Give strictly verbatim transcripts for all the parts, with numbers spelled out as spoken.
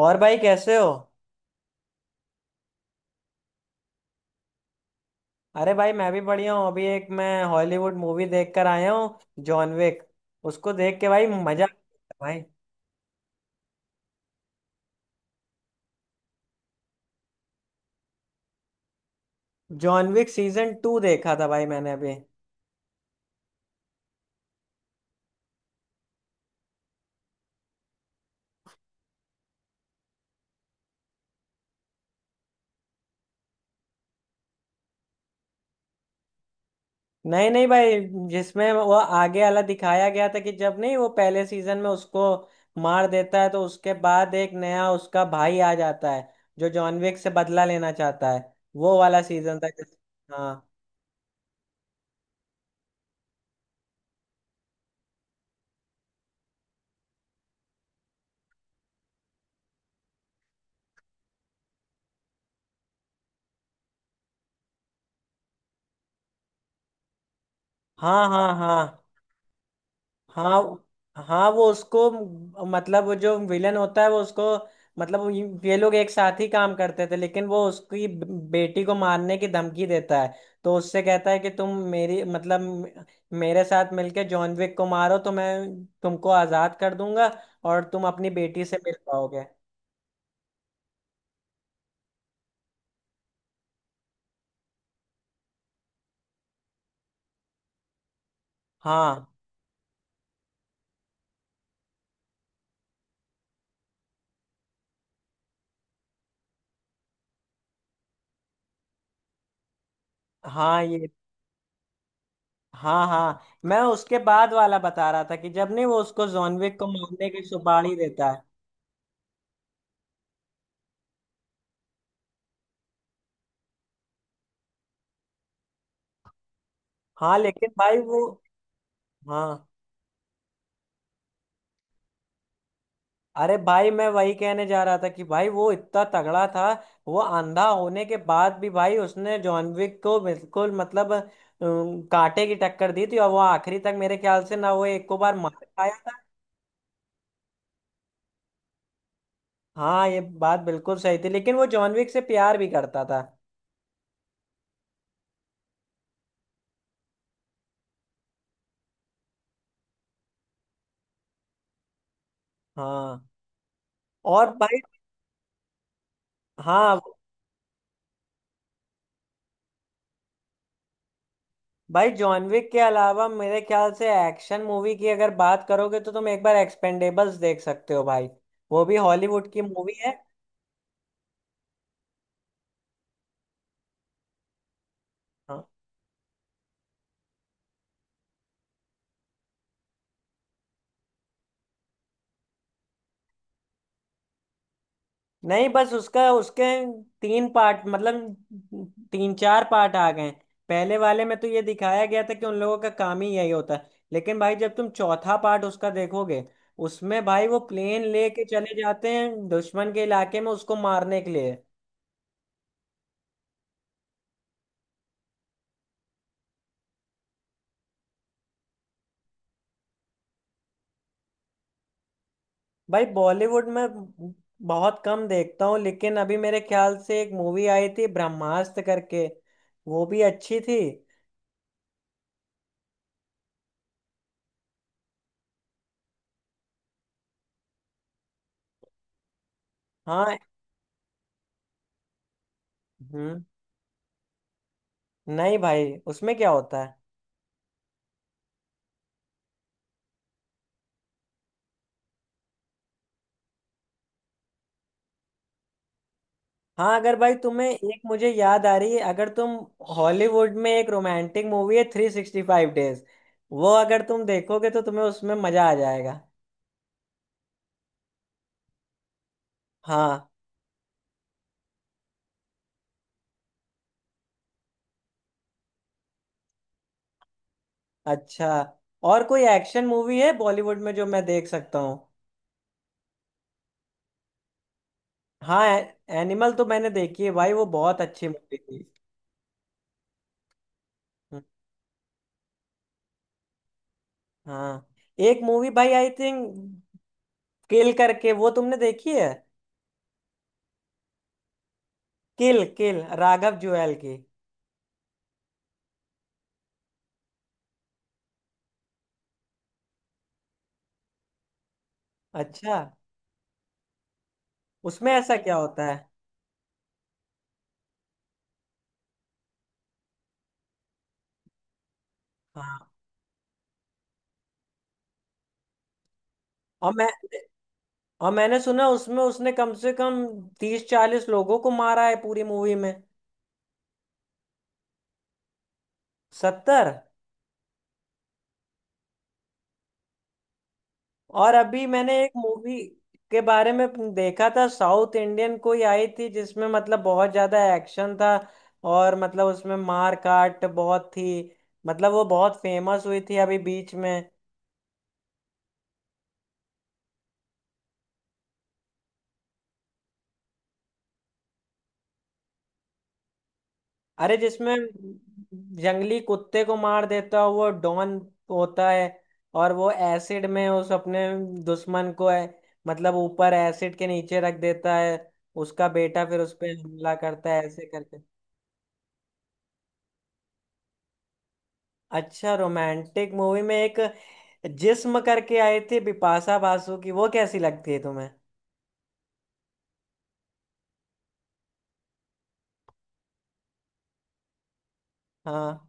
और भाई कैसे हो। अरे भाई मैं भी बढ़िया हूँ अभी एक मैं हॉलीवुड मूवी देख कर आया हूँ जॉन विक। उसको देख के भाई मजा आ गया भाई। जॉन विक सीजन टू देखा था भाई मैंने अभी। नहीं, नहीं, भाई। जिसमें वो आगे वाला दिखाया गया था कि जब नहीं वो पहले सीजन में उसको मार देता है तो उसके बाद एक नया उसका भाई आ जाता है जो जॉन विक से बदला लेना चाहता है। वो वाला सीजन था जिस- हाँ, हाँ, हाँ। हाँ, हाँ, हाँ, वो उसको मतलब वो जो विलन होता है वो उसको मतलब ये ये लोग एक साथ ही काम करते थे लेकिन वो उसकी ब- बेटी को मारने की धमकी देता है। तो उससे कहता है कि तुम मेरी मतलब मे- मेरे साथ मिलके जॉन विक को मारो तो मैं तुमको आजाद कर दूंगा और तुम अपनी बेटी से मिल पाओगे। हाँ, हाँ, ये। हाँ, हाँ, मैं उसके बाद वाला बता रहा था कि जब नहीं वो उसको जॉन विक को मारने की सुपारी देता है। हाँ लेकिन भाई वो। हाँ। अरे भाई मैं वही कहने जा रहा था कि भाई वो इतना तगड़ा था। वो अंधा होने के बाद भी भाई उसने जॉन विक को बिल्कुल मतलब अम, कांटे की टक्कर दी थी और वो आखिरी तक मेरे ख्याल से ना वो एक को बार मार पाया था। हाँ ये बात बिल्कुल सही थी लेकिन वो जॉन विक से प्यार भी करता था। हाँ। और भाई। हाँ। भाई जॉन विक के अलावा मेरे ख्याल से एक्शन मूवी की अगर बात करोगे तो तुम एक बार एक्सपेंडेबल्स देख सकते हो भाई। वो भी हॉलीवुड की मूवी है। हाँ। नहीं बस उसका उसके तीन पार्ट मतलब तीन चार पार्ट आ गए हैं। पहले वाले में तो ये दिखाया गया था कि उन लोगों का काम ही यही होता है लेकिन भाई जब तुम चौथा पार्ट उसका देखोगे उसमें भाई वो प्लेन लेके चले जाते हैं दुश्मन के इलाके में उसको मारने के लिए। भाई बॉलीवुड में बहुत कम देखता हूँ लेकिन अभी मेरे ख्याल से एक मूवी आई थी ब्रह्मास्त्र करके। वो भी अच्छी थी। हाँ। हम्म। नहीं भाई उसमें क्या होता है। हाँ अगर भाई तुम्हें एक मुझे याद आ रही है अगर तुम हॉलीवुड में एक रोमांटिक मूवी है थ्री सिक्सटी फाइव डेज। वो अगर तुम देखोगे तो तुम्हें उसमें मजा आ जाएगा। हाँ। अच्छा और कोई एक्शन मूवी है बॉलीवुड में जो मैं देख सकता हूँ। हाँ। एनिमल तो मैंने देखी है भाई वो बहुत अच्छी मूवी थी। हम्म, हाँ। एक मूवी भाई आई थिंक किल करके वो तुमने देखी है। किल किल राघव जुएल की। अच्छा उसमें ऐसा क्या होता है। हाँ। और मैं और मैंने सुना उसमें उसने कम से कम तीस चालीस लोगों को मारा है पूरी मूवी में। सत्तर। और अभी मैंने एक मूवी के बारे में देखा था साउथ इंडियन कोई आई थी जिसमें मतलब बहुत ज्यादा एक्शन था और मतलब उसमें मार काट बहुत थी मतलब वो बहुत फेमस हुई थी अभी बीच में। अरे जिसमें जंगली कुत्ते को मार देता है वो डॉन होता है और वो एसिड में उस अपने दुश्मन को है मतलब ऊपर एसिड के नीचे रख देता है उसका बेटा फिर उस पे हमला करता है ऐसे करके। अच्छा रोमांटिक मूवी में एक जिस्म करके आई थी बिपाशा बासु की वो कैसी लगती है तुम्हें। हाँ।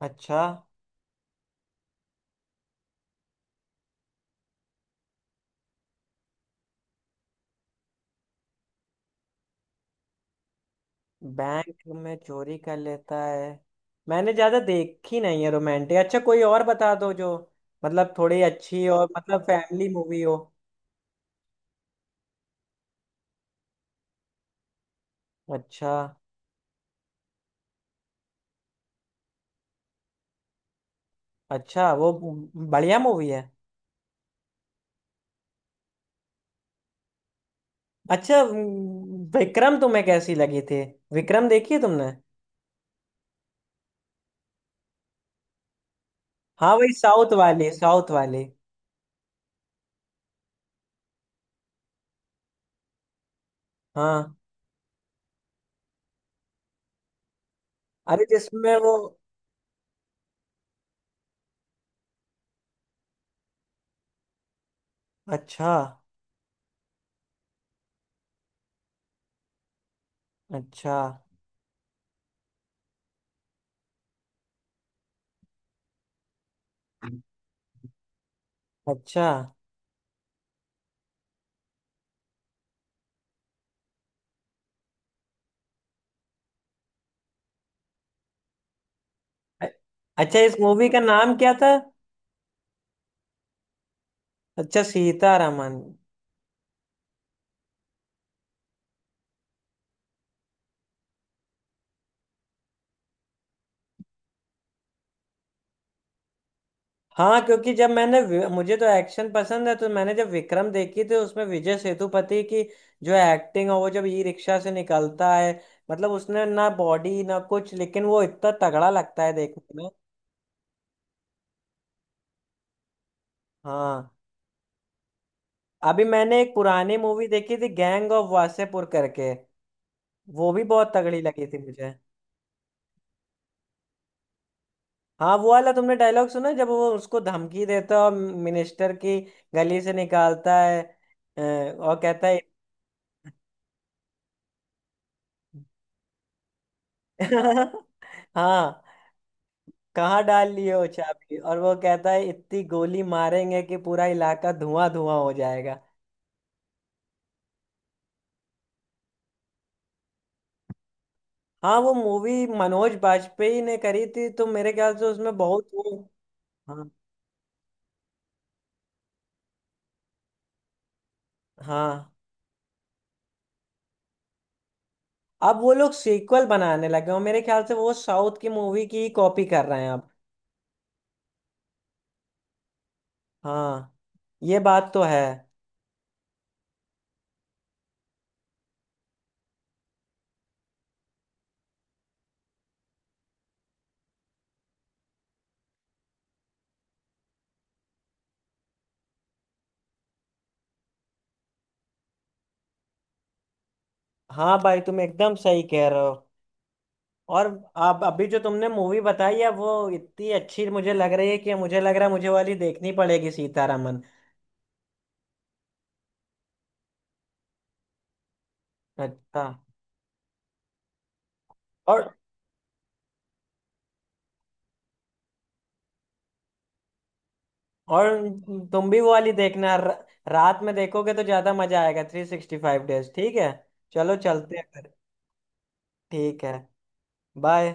अच्छा बैंक में चोरी कर लेता है। मैंने ज्यादा देखी नहीं है रोमांटिक अच्छा कोई और बता दो जो मतलब थोड़ी अच्छी और मतलब फैमिली मूवी हो। अच्छा। अच्छा वो बढ़िया मूवी है। अच्छा उम, विक्रम तुम्हें कैसी लगी थी। विक्रम देखी है तुमने। हाँ वही साउथ वाली साउथ वाली। हाँ। अरे जिसमें वो। अच्छा। अच्छा। अच्छा। अ- अच्छा इस मूवी का नाम क्या था। अच्छा सीतारामन। हाँ क्योंकि जब मैंने वि- मुझे तो एक्शन पसंद है तो मैंने जब विक्रम देखी थी उसमें विजय सेतुपति की जो एक्टिंग है वो जब ई रिक्शा से निकलता है मतलब उसने ना बॉडी ना कुछ लेकिन वो इतना तगड़ा लगता है देखने में। हाँ। अभी मैंने एक पुरानी मूवी देखी थी गैंग ऑफ वासेपुर करके। वो भी बहुत तगड़ी लगी थी मुझे। हाँ वो वाला तुमने डायलॉग सुना है? जब वो उसको धमकी देता है और मिनिस्टर की गली से निकालता है अ, और कहता है। हाँ। कहाँ डाल लिए हो चाबी और वो कहता है इतनी गोली मारेंगे कि पूरा इलाका धुआं धुआं हो जाएगा। हाँ वो मूवी मनोज बाजपेयी ने करी थी तो मेरे ख्याल से उसमें बहुत वो। हाँ। हाँ। अब वो लोग सीक्वल बनाने लगे हो मेरे ख्याल से वो साउथ की मूवी की ही कॉपी कर रहे हैं अब। हाँ ये बात तो है। हाँ भाई तुम एकदम सही कह रहे हो। और आप अभी जो तुमने मूवी बताई है वो इतनी अच्छी मुझे लग रही है कि मुझे लग रहा है मुझे वाली देखनी पड़ेगी सीतारामन। अच्छा। और। और तुम भी वो वाली देखना र, रात में देखोगे तो ज्यादा मजा आएगा थ्री सिक्सटी फाइव डेज ठीक है। चलो चलते हैं फिर। ठीक है। बाय।